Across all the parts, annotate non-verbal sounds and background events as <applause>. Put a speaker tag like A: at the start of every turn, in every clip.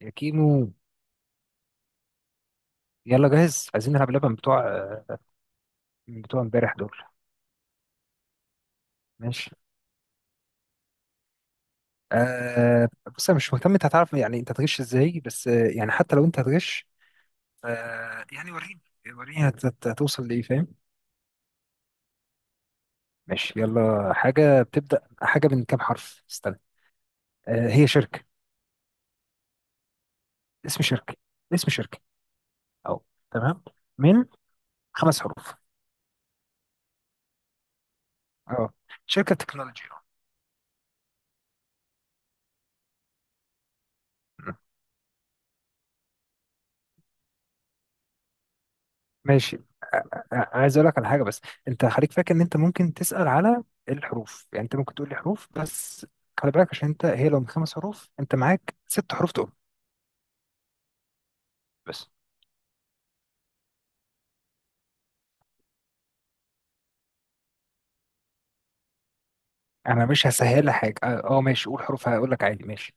A: يا كيمو، يلا جاهز؟ عايزين نلعب لعبة من بتوع امبارح دول. ماشي. آه. بص، انا مش مهتم انت هتعرف يعني انت هتغش ازاي، بس يعني حتى لو انت هتغش، يعني وريني، وريني هتوصل لايه، فاهم؟ ماشي، يلا. حاجة بتبدأ، حاجة من كام حرف؟ استنى. آه، هي شركة. اسم شركة، اسم شركة. اهو، تمام. من خمس حروف. اه. شركة تكنولوجيا. ماشي. عايز اقول لك على حاجه، بس انت خليك فاكر ان انت ممكن تسال على الحروف، يعني انت ممكن تقول لي حروف بس. خلي بالك، عشان انت، هي لو من خمس حروف انت معاك ست حروف تقول. بس انا مش هسهلها حاجه. اه. ماشي، قول حروف هقول لك عادي. ماشي.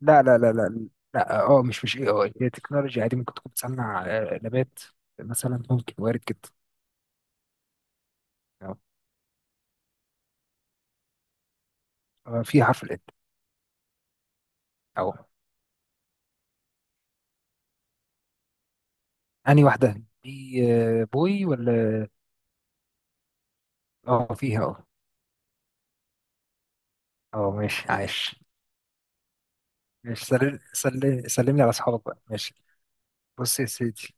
A: لا لا لا لا، لا اه. مش اي اي، هي تكنولوجيا عادي، ممكن تكون بتصنع نبات مثلا، ممكن، وارد جدا. آه. آه، في حرف الات. اهو. انهي واحده دي؟ بوي ولا؟ اه، فيها. اه اه ماشي، عايش. ماشي، سلم سلم سلم لي على اصحابك بقى. ماشي. بص يا سيدي.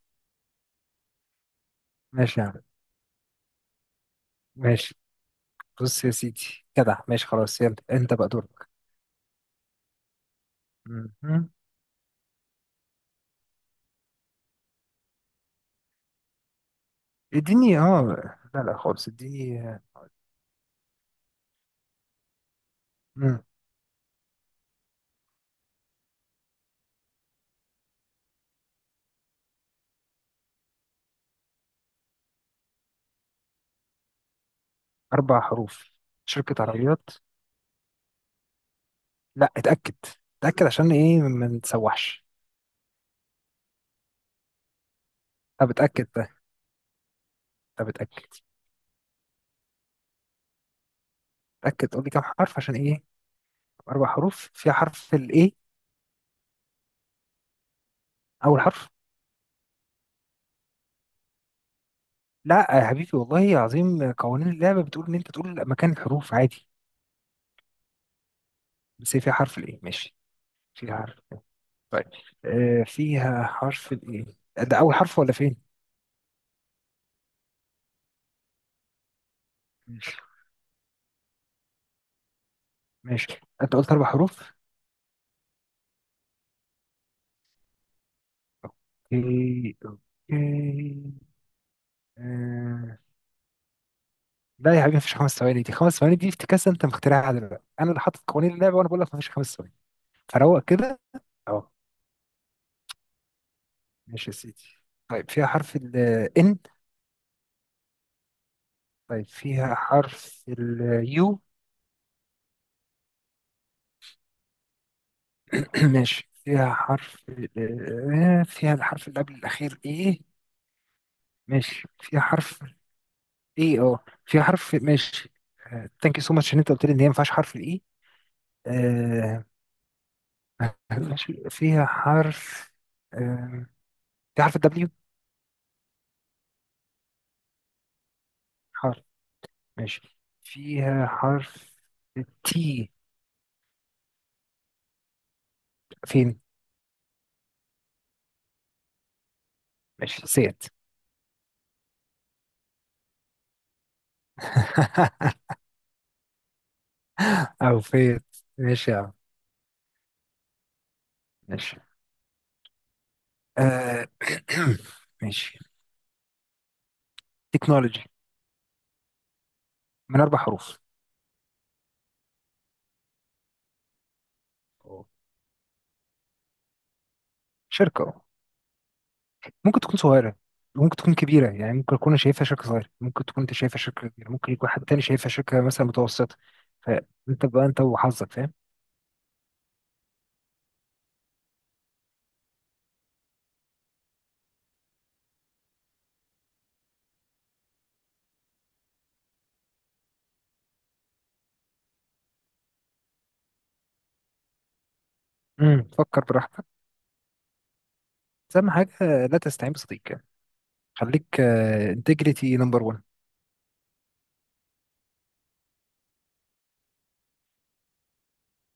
A: ماشي يا عم. ماشي، بص يا سيدي. جدع. ماشي، خلاص، يلا، انت بقى دورك. مهم. اديني، اه. لا لا خالص، اديني. مم. اربع حروف، شركة عربيات؟ لا، اتأكد. اتأكد عشان ايه، ما نتسوحش. طب اتأكد ده. طب اتأكد. اتأكد، قول لي كام حرف عشان ايه. اربع حروف، فيها حرف الايه؟ اول حرف؟ لا يا حبيبي، والله عظيم، قوانين اللعبة بتقول ان انت تقول مكان الحروف عادي. بس هي فيها حرف الايه؟ ماشي، فيها حرف. طيب، فيها حرف الايه، ده اول حرف ولا فين؟ ماشي. ماشي، انت قلت اربع حروف. اوكي اوكي. آه. لا يا حبيبي، مفيش خمس ثواني، دي خمس ثواني دي افتكاسه انت مخترعها دلوقتي، انا اللي حاطط قوانين اللعبه، وانا بقول لك مفيش خمس ثواني، فروق كده. اه. ماشي يا سيدي. طيب، فيها حرف ال N؟ طيب، فيها حرف ال U؟ <clears throat> ماشي، فيها حرف فيها الحرف اللي قبل الأخير إيه؟ ماشي، فيها حرف اي. اه، في حرف. ماشي. ثانك يو سو ماتش ان انت قلت لي ان هي ما فيهاش حرف الاي. آه. ماشي، فيها حرف. آه في حرف الدبليو؟ حرف. ماشي، فيها حرف التي؟ فين؟ ماشي، سيت. <laughs> او فيت. ماشي يا عم. ماشي. آه. <clears throat> ماشي، تكنولوجي من اربع حروف. أوه. شركة، ممكن تكون صغيرة، ممكن تكون كبيرة، يعني ممكن أكون أنا شايفها شركة صغيرة، ممكن تكون أنت شايفها شركة كبيرة، ممكن يكون حد تاني شايفها شركة مثلا متوسطة. فأنت بقى، أنت وحظك، فاهم؟ فكر براحتك، بس أهم حاجة، لا تستعين بصديق يعني، خليك، انتجريتي نمبر 1.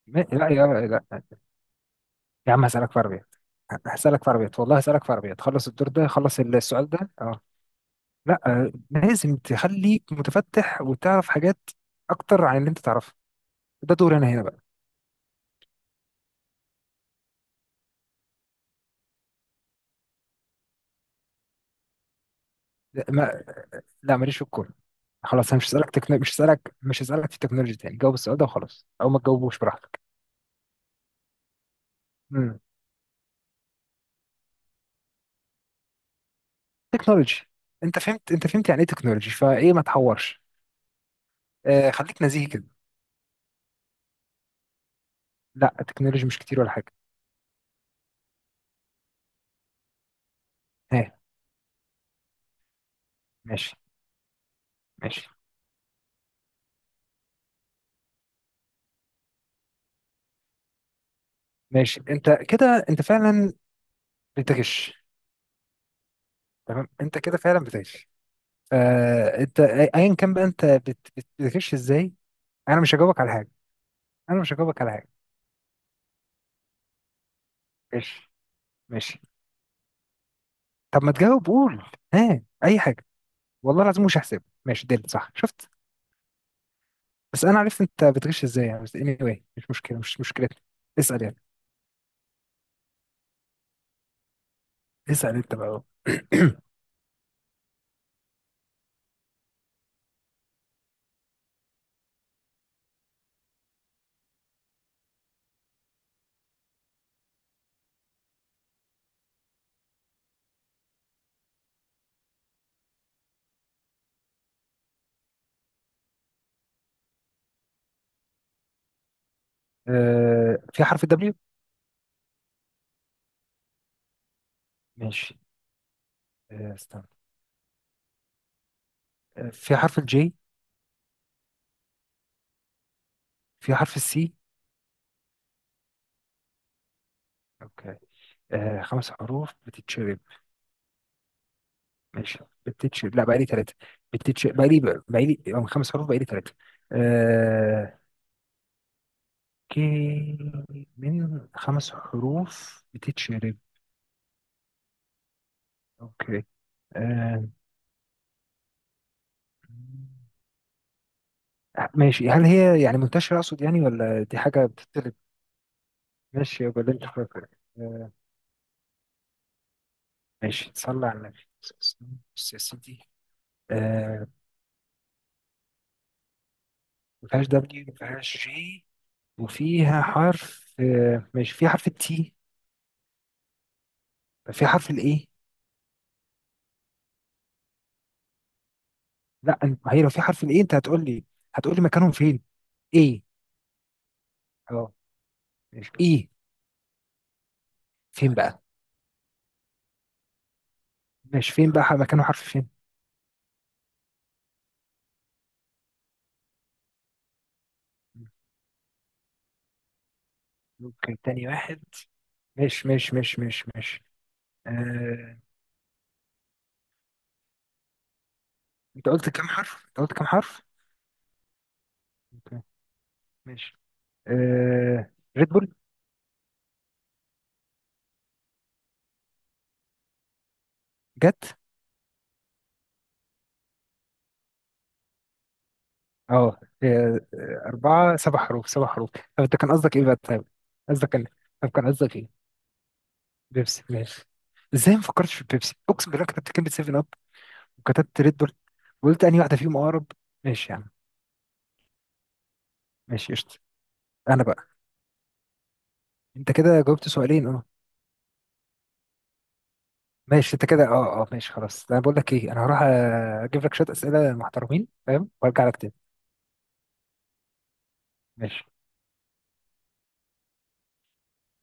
A: لا يا، لا. يا عم هسألك في عربيات، هسألك في عربيات والله، هسألك في عربيات، خلص الدور ده، خلص السؤال ده. اه. لا. لازم تخليك متفتح وتعرف حاجات أكتر عن اللي أنت تعرفها. ده دور أنا هنا بقى. لا، ماليش في الكورة. خلاص، انا مش هسألك مش هسألك، مش هسألك في تكنولوجي تاني. جاوب السؤال ده وخلاص، او ما تجاوبوش براحتك. امم تكنولوجي. انت فهمت، انت فهمت يعني ايه تكنولوجي، فايه ما تحورش. آه، خليك نزيهي كده. لا، التكنولوجي مش كتير ولا حاجة. ها ماشي ماشي ماشي، انت كده، انت فعلا بتغش. تمام، انت كده فعلا بتغش. آه، انت ايا كان بقى، انت بتغش ازاي؟ انا مش هجاوبك على حاجة. انا مش هجاوبك على حاجة. ماشي ماشي. طب ما تجاوب، قول، ها، اي حاجة. والله العظيم مش هحسبه. ماشي، دل صح، شفت؟ بس انا عرفت انت بتغش ازاي يعني، بس anyway مش مشكله، مش مشكلتنا. اسال يعني. اسال انت بقى. <clears throat> في حرف الدبليو؟ ماشي. استنى. في حرف الجي؟ في حرف السي؟ اوكي. خمس حروف بتتشرب. ماشي، بتتشرب، لا بقى لي ثلاثه، بتتشرب، بقى لي من خمس حروف بقى لي ثلاثه. آه، كي. من خمس حروف بتتشرب. اوكي. آه، ماشي، هل هي يعني منتشرة أقصد يعني، ولا دي حاجة بتطلب؟ ماشي، يبقى اللي أنت فاكره. آه، ماشي، تصلي على النبي. بص يا سيدي. آه، ما فيهاش دبليو، ما فيهاش جي، وفيها حرف. ماشي، فيها حرف التي؟ فيها حرف الإيه؟ لا، ما هي لو في حرف الإيه أنت هتقول لي، هتقول لي مكانهم فين. إيه؟ أه. ماشي، إيه؟ فين بقى؟ ماشي، فين بقى مكانه، حرف فين؟ ممكن تاني واحد. ماشي ماشي ماشي ماشي ماشي. آه، أنت قلت كام حرف؟ أنت قلت كام حرف؟ ماشي. آه... ريد بول. جت. اه. أربعة، سبع حروف، سبع حروف، طب أنت كان قصدك إيه بقى طيب؟ قصدك كان، طب كان قصدك إيه؟ بيبسي. ماشي. إزاي ما فكرتش في بيبسي! أقسم بالله كتبت كلمة سيفن أب، وكتبت ريد بول، وقلت أنهي واحدة فيهم أقرب. ماشي يا عم. ماشي، قشطة. أنا بقى، أنت كده جاوبت سؤالين، أه. ماشي، أنت كده، أه أه ماشي خلاص، أنا بقول لك إيه، أنا هروح أجيب لك شوية أسئلة محترمين فاهم، وأرجع لك تاني. ماشي.